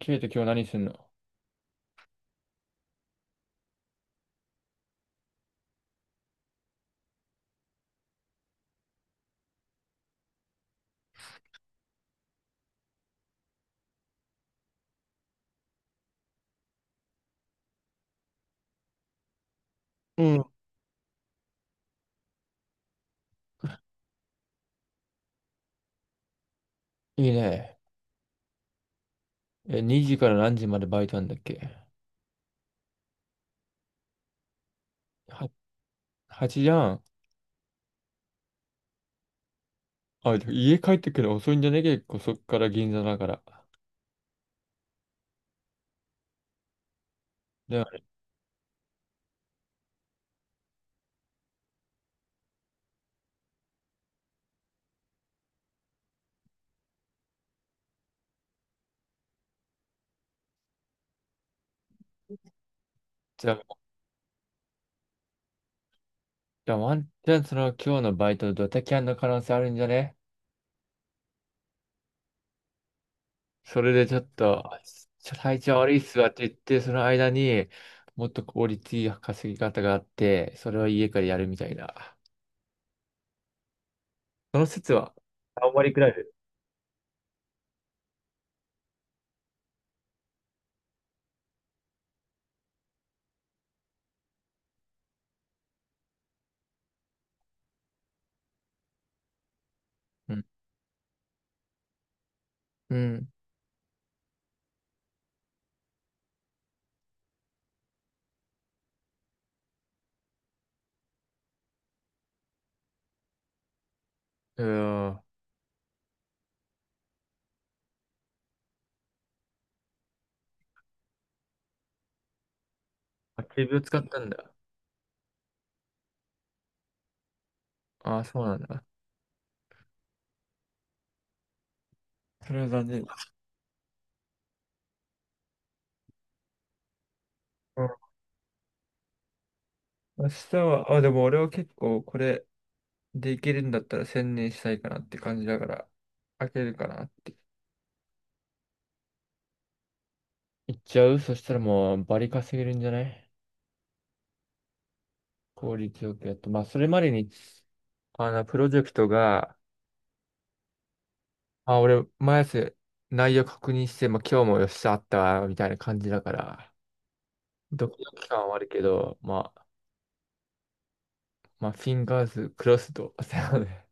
ケイト、今日何すんの？うん。いいね。え、2時から何時までバイトなんだっけ？は、8じゃん。あ、でも家帰ってくるの遅いんじゃね？結構そっから銀座だから。でも、じゃあ、じゃあワンチャンその今日のバイトドタキャンの可能性あるんじゃね？それでちょっと体調悪いっすわって言って、その間にもっと効率いい稼ぎ方があって、それは家からやるみたいな。その説は、パリクライブ。うん。うん。うん。あ、警備を使ったんだ。ああ、そうなんだ。それは残念。うん。明日は、あ、でも俺は結構これできるんだったら専念したいかなって感じだから、開けるかなって。行っちゃう。そしたらもうバリ稼げるんじゃない？効率よくやっと。まあ、それまでに、プロジェクトが、あ、俺、毎朝内容確認して、まあ、今日もよっしゃあったわ、みたいな感じだから、ドキドキ感はあるけど、まあ、まあ、フィンガーズクロスド。そうね。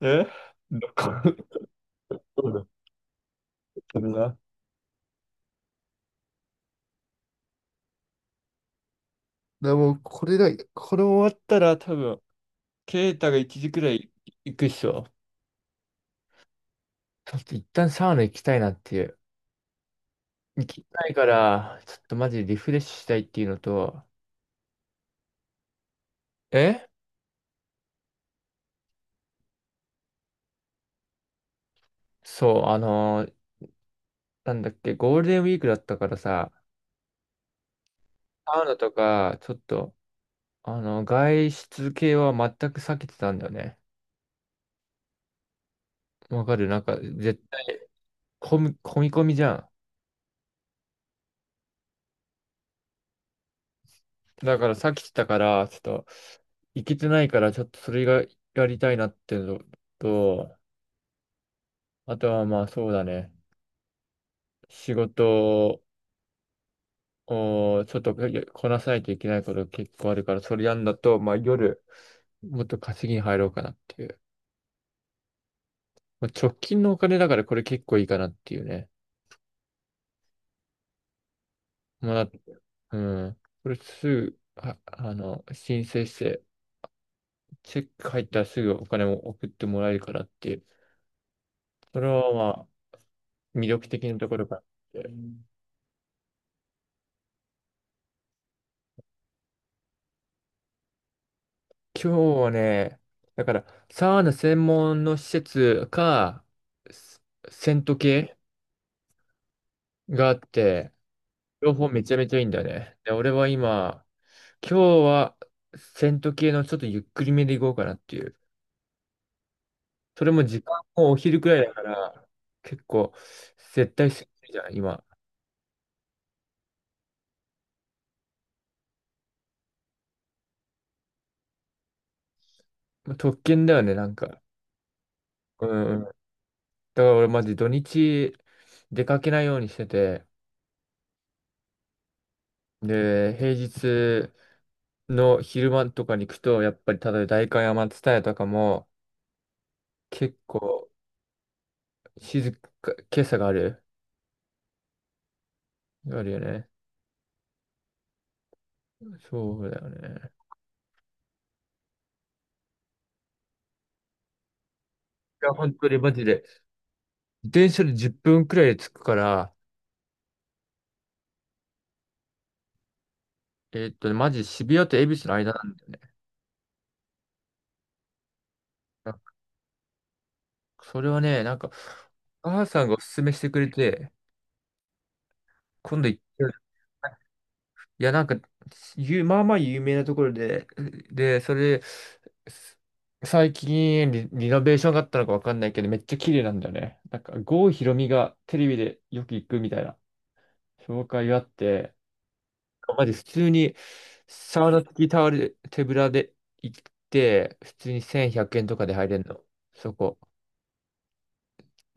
え？ どこ、どうだったかな？らもう、これだ、これ終わったら多分、ケイタが1時くらい行くっしょ。ちょっと一旦サウナ行きたいなっていう。行きたいから、ちょっとマジでリフレッシュしたいっていうのと、えそう、なんだっけ、ゴールデンウィークだったからさ、サウナとか、ちょっと、外出系は全く避けてたんだよね。わかる。なんか、絶対、混み込みじゃん。だから避けてたから、ちょっと、行けてないから、ちょっとそれがやりたいなっていうのと、あとはまあそうだね。仕事をちょっとこなさないといけないこと結構あるから、それやんだと、まあ夜、もっと稼ぎに入ろうかなっていう。まあ、直近のお金だからこれ結構いいかなっていうね。まあ、うん。これすぐ、申請して、チェック入ったらすぐお金も送ってもらえるからっていう。それはまあ、魅力的なところかなって。今日はね、だから、サウナ専門の施設か、セセント系があって、両方めちゃめちゃいいんだよね。で、俺は今日はセント系のちょっとゆっくりめでいこうかなっていう。それも時間もお昼くらいだから、結構、絶対するじゃん、今。まあ特権だよね、なんか。うんうん。だから俺マジ土日出かけないようにしてて、で、平日の昼間とかに行くと、やっぱり、例えば代官山蔦屋とかも、結構、静か、今朝がある。あるよね。そうだよね。いや、本当にマジで。自転車で10分くらいで着くから、マジ渋谷と恵比寿の間なんだよね。なんかそれはね、なんか、母さんがおすすめしてくれて、今度行ってみよう。いや、なんか、まあまあ有名なところで、で、それ、す最近リノベーションがあったのかわかんないけど、めっちゃ綺麗なんだよね。なんか、郷ひろみがテレビでよく行くみたいな紹介があって、まじ普通にサウナ付きタオル、手ぶらで行って、普通に1100円とかで入れるの。そこ。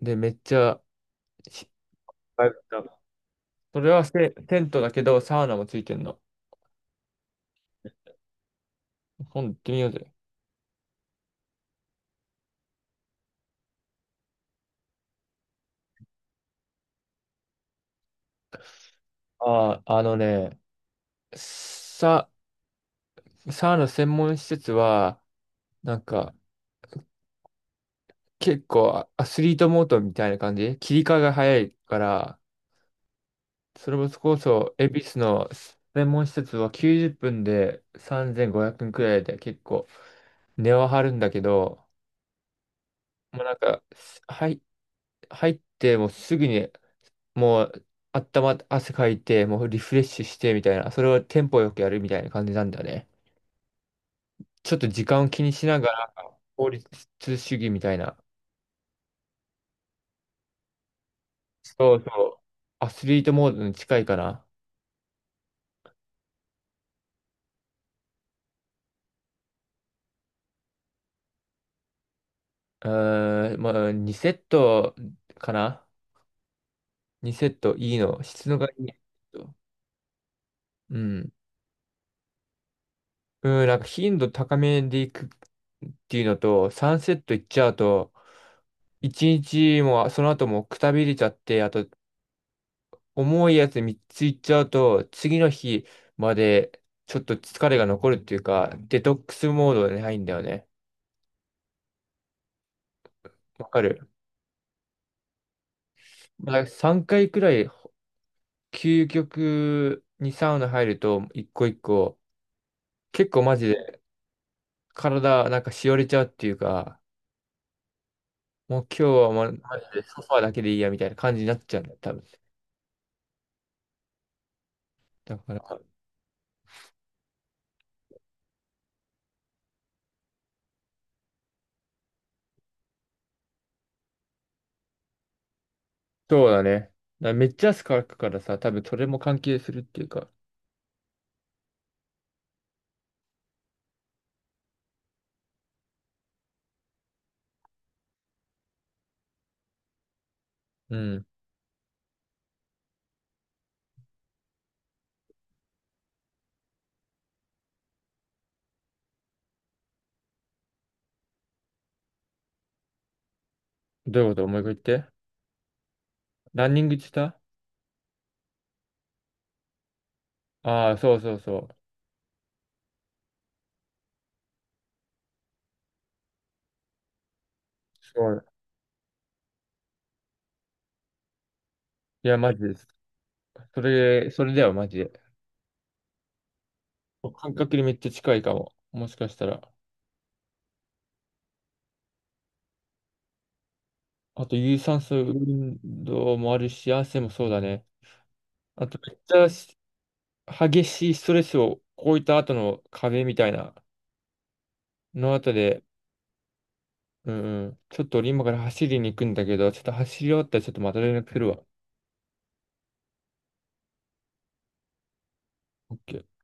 で、めっちゃ、しそれはテントだけど、サウナもついてんの。今度行ってみようぜ。ああ、あのね、さ、サウナ専門施設は、なんか、結構アスリートモードみたいな感じ切り替えが早いから、それこそ、恵比寿の専門施設は90分で3500円くえんくらいで結構値は張るんだけど、もうなんか、入ってもうすぐにもう汗かいて、もうリフレッシュしてみたいな、それをテンポよくやるみたいな感じなんだよね。ちょっと時間を気にしながら、効率主義みたいな。そうそう。アスリートモードに近いかな。うーん、まあ、2セットかな ?2 セットいいの。質のがいいセット。うん。うん、なんか頻度高めでいくっていうのと、3セットいっちゃうと、1日もその後もくたびれちゃって、あと重いやつ3ついっちゃうと、次の日までちょっと疲れが残るっていうか、デトックスモードに入るんだよね。わかる。まあ、3回くらい究極にサウナ入ると、一個一個、結構マジで体なんかしおれちゃうっていうか、もう今日はマジでソファーだけでいいやみたいな感じになっちゃうんだよ、多分。だから、そうだね。だからめっちゃ汗かくからさ、多分それも関係するっていうか。うん。どういうこと思い一か言って。ランニングしてた？ああー、そうそうそう。そう。いや、マジです。それだよ、マジで。感覚にめっちゃ近いかも。もしかしたら。あと、有酸素運動もあるし、汗もそうだね。あと、めっちゃ激しいストレスをこういった後の壁みたいなの後で、うんうん、ちょっと俺今から走りに行くんだけど、ちょっと走り終わったらちょっとまた連絡するわ。OK